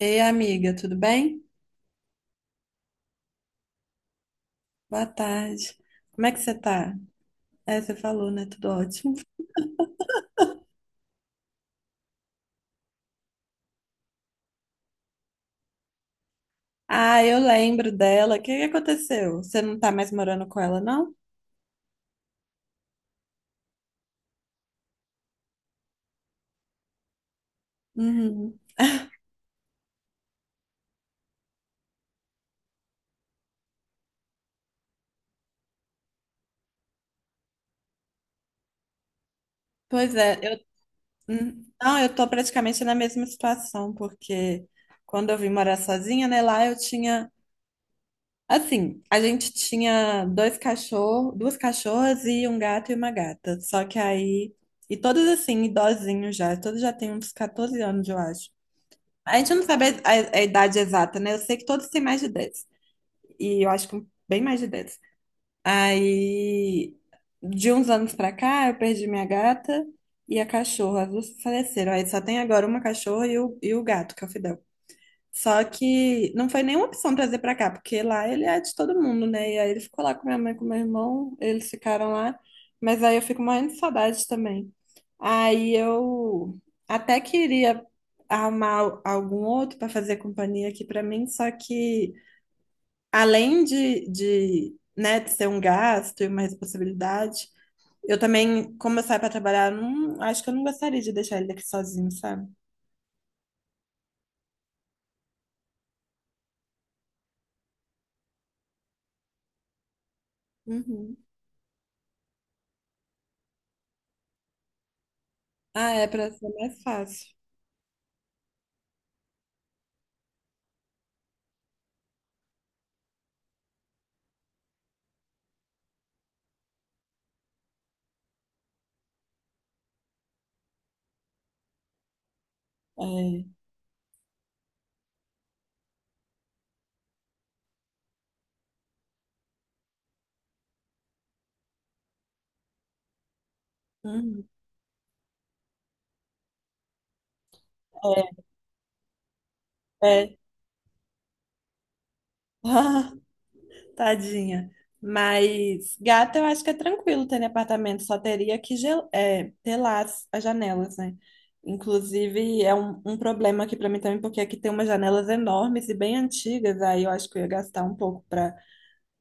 Ei, amiga, tudo bem? Boa tarde. Como é que você tá? É, você falou, né? Tudo ótimo. Ah, eu lembro dela. O que que aconteceu? Você não tá mais morando com ela, não? Uhum. Pois é, eu não, eu tô praticamente na mesma situação, porque quando eu vim morar sozinha, né, lá eu tinha assim, a gente tinha dois cachorros, duas cachorras e um gato e uma gata. Só que aí e todos assim, idosinhos já, todos já têm uns 14 anos, eu acho. A gente não sabe a idade exata, né? Eu sei que todos têm mais de 10, e eu acho que bem mais de 10. Aí, de uns anos pra cá, eu perdi minha gata e a cachorra. As duas faleceram. Aí só tem agora uma cachorra e o gato, que é o Fidel. Só que não foi nenhuma opção trazer pra cá, porque lá ele é de todo mundo, né? E aí ele ficou lá com minha mãe, com meu irmão, eles ficaram lá. Mas aí eu fico morrendo de saudade também. Aí eu até queria arrumar algum outro para fazer companhia aqui pra mim, só que além né, de ser um gasto e uma responsabilidade, eu também, como eu saio para trabalhar, eu não, acho que eu não gostaria de deixar ele aqui sozinho, sabe? Uhum. Ah, é, para ser mais fácil. É. Hum, é, é. Tadinha. Mas gato eu acho que é tranquilo ter em apartamento, só teria que telar as janelas, né? Inclusive, é um problema aqui para mim também, porque aqui tem umas janelas enormes e bem antigas, aí eu acho que eu ia gastar um pouco para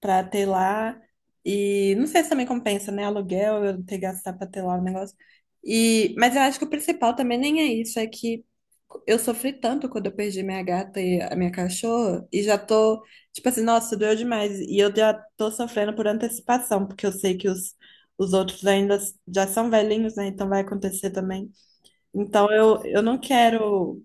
pra ter lá. E não sei se também compensa, né? Aluguel, eu ter que gastar pra ter lá o negócio. E, mas eu acho que o principal também nem é isso, é que eu sofri tanto quando eu perdi minha gata e a minha cachorra, e já tô, tipo assim, nossa, doeu demais. E eu já tô sofrendo por antecipação, porque eu sei que os outros ainda já são velhinhos, né? Então vai acontecer também. Então eu não quero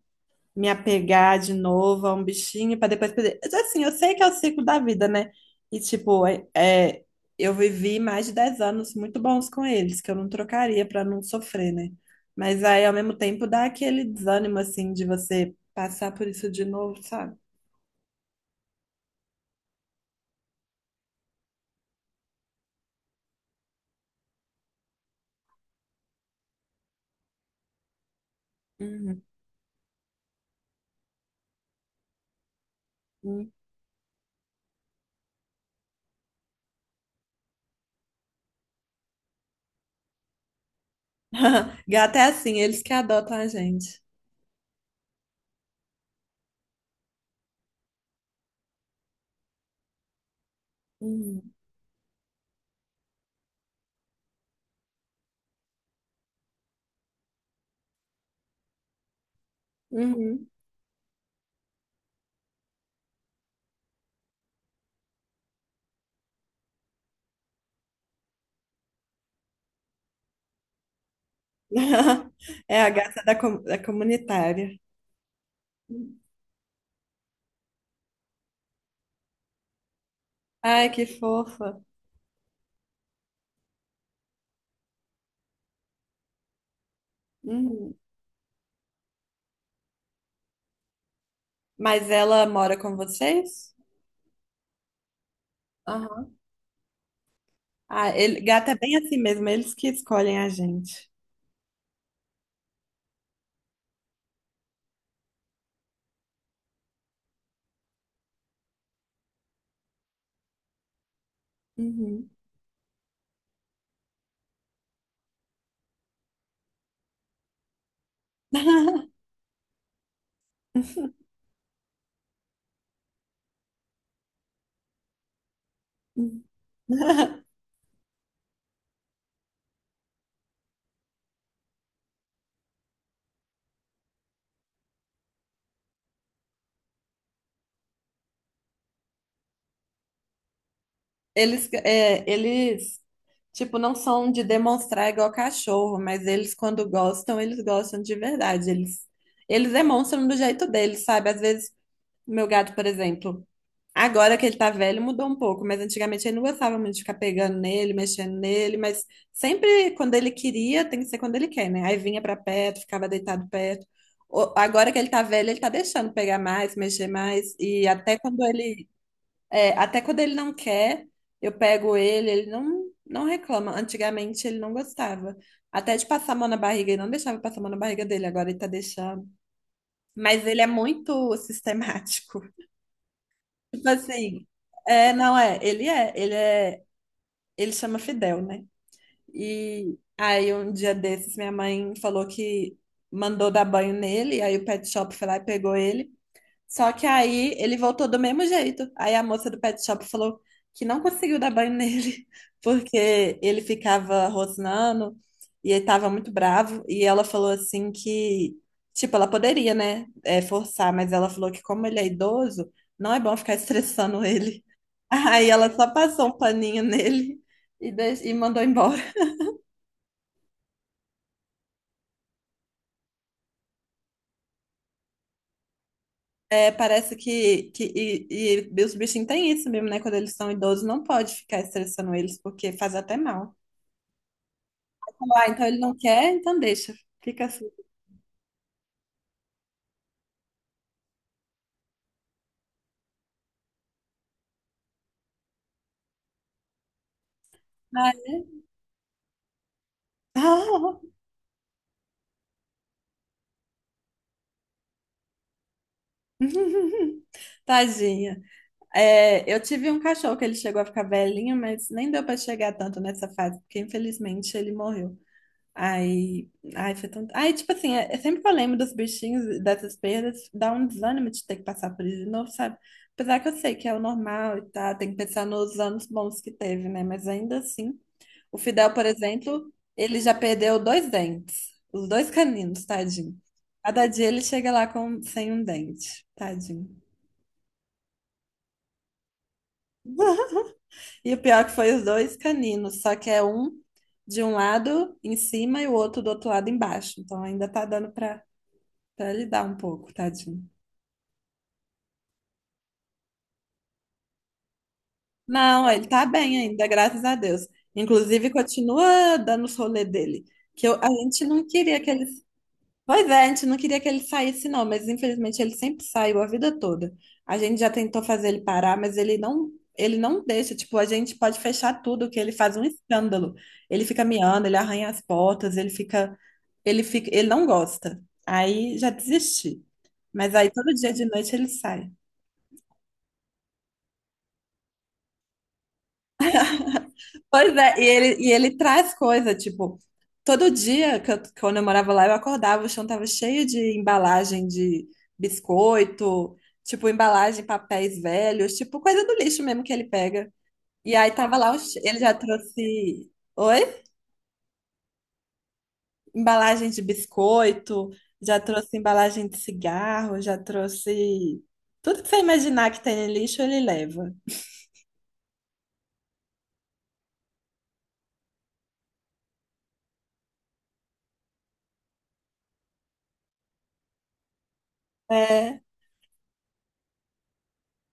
me apegar de novo a um bichinho para depois perder. Mas, assim, eu sei que é o ciclo da vida, né? E tipo, eu vivi mais de 10 anos muito bons com eles, que eu não trocaria para não sofrer, né? Mas aí, ao mesmo tempo, dá aquele desânimo, assim, de você passar por isso de novo, sabe? Uhum. Uhum. Gato é assim, eles que adotam a gente. Uhum. Uhum. É a gata da comunitária. Ai, que fofa. Uhum. Mas ela mora com vocês? Aham. Ah, ele, gato é bem assim mesmo, eles que escolhem a gente. Uhum. Eles, é, eles, tipo, não são de demonstrar igual cachorro, mas eles, quando gostam, eles gostam de verdade. Eles demonstram do jeito deles, sabe? Às vezes meu gato, por exemplo, agora que ele tá velho, mudou um pouco, mas antigamente ele não gostava muito de ficar pegando nele, mexendo nele, mas sempre quando ele queria, tem que ser quando ele quer, né? Aí vinha pra perto, ficava deitado perto. Agora que ele tá velho, ele tá deixando pegar mais, mexer mais, e até até quando ele não quer, eu pego ele, ele não reclama. Antigamente ele não gostava. Até de passar a mão na barriga, ele não deixava eu passar a mão na barriga dele, agora ele tá deixando. Mas ele é muito sistemático. Tipo assim, é, não é, ele é, ele é, ele chama Fidel, né? E aí, um dia desses, minha mãe falou que mandou dar banho nele, aí o pet shop foi lá e pegou ele. Só que aí ele voltou do mesmo jeito. Aí a moça do pet shop falou que não conseguiu dar banho nele, porque ele ficava rosnando e ele tava muito bravo. E ela falou assim que, tipo, ela poderia, forçar, mas ela falou que como ele é idoso, não é bom ficar estressando ele. Aí ela só passou um paninho nele e, mandou embora. É, parece e os bichinhos têm isso mesmo, né? Quando eles são idosos, não pode ficar estressando eles, porque faz até mal. Ah, então ele não quer, então deixa. Fica assim. Ah, é? Ah! Tadinha. É, eu tive um cachorro que ele chegou a ficar velhinho, mas nem deu para chegar tanto nessa fase, porque infelizmente ele morreu. Aí, ai, foi tão. Aí, tipo assim, sempre que eu lembro dos bichinhos, e dessas perdas, dá um desânimo de ter que passar por isso de novo, sabe? Apesar que eu sei que é o normal e tá tem que pensar nos anos bons que teve, né? Mas ainda assim, o Fidel, por exemplo, ele já perdeu dois dentes, os dois caninos, tadinho. Cada dia ele chega lá com, sem um dente, tadinho. E o pior é que foi os dois caninos, só que é um de um lado em cima e o outro do outro lado embaixo. Então ainda tá dando pra. Pra ele dar um pouco, tadinho. Não, ele tá bem ainda, graças a Deus. Inclusive, continua dando os rolê dele. A gente não queria que ele. Pois é, a gente não queria que ele saísse, não, mas infelizmente ele sempre saiu a vida toda. A gente já tentou fazer ele parar, mas ele não deixa. Tipo, a gente pode fechar tudo, que ele faz um escândalo. Ele fica miando, ele arranha as portas, ele não gosta. Aí já desisti. Mas aí todo dia de noite ele sai. Pois é, e ele traz coisa, tipo, todo dia quando eu morava lá, eu acordava, o chão tava cheio de embalagem de biscoito, tipo, embalagem, papéis velhos, tipo, coisa do lixo mesmo que ele pega. E aí tava lá, ele já trouxe, oi? Embalagem de biscoito, já trouxe embalagem de cigarro, já trouxe tudo que você imaginar que tem em lixo, ele leva. É,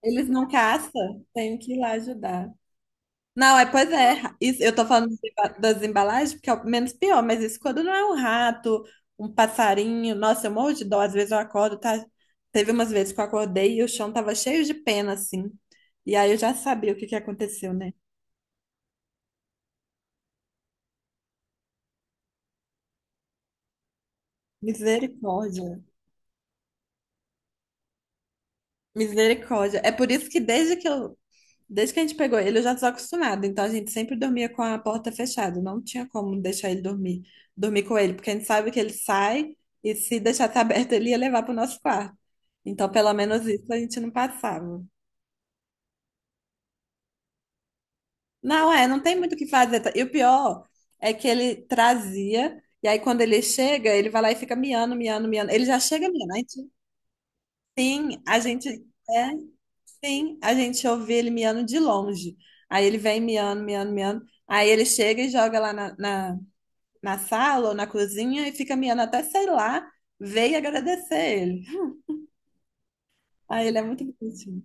eles não caçam, tenho que ir lá ajudar. Não, é, pois é. Isso, eu tô falando de das embalagens, porque é o menos pior, mas isso quando não é um rato, um passarinho. Nossa, eu morro de dó. Às vezes eu acordo, tá? Teve umas vezes que eu acordei e o chão tava cheio de pena, assim. E aí eu já sabia o que que aconteceu, né? Misericórdia. Misericórdia. É por isso que desde que a gente pegou ele, eu já estava acostumada. Então a gente sempre dormia com a porta fechada. Não tinha como deixar ele dormir com ele, porque a gente sabe que ele sai e se deixasse aberto, ele ia levar para o nosso quarto. Então, pelo menos isso a gente não passava. Não, é, não tem muito o que fazer. Tá? E o pior é que ele trazia, e aí quando ele chega, ele vai lá e fica miando, miando, miando. Ele já chega miando. Sim, é, sim, a gente ouve ele miando de longe. Aí ele vem miando, miando, miando. Aí ele chega e joga lá na sala ou na cozinha e fica miando até, sei lá, ver e agradecer ele. Aí ele é muito bonitinho.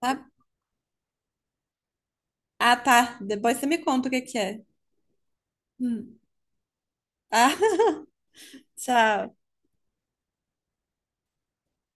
Tá, ah, tá. Depois você me conta o que que é. Hum. Ah, tchau.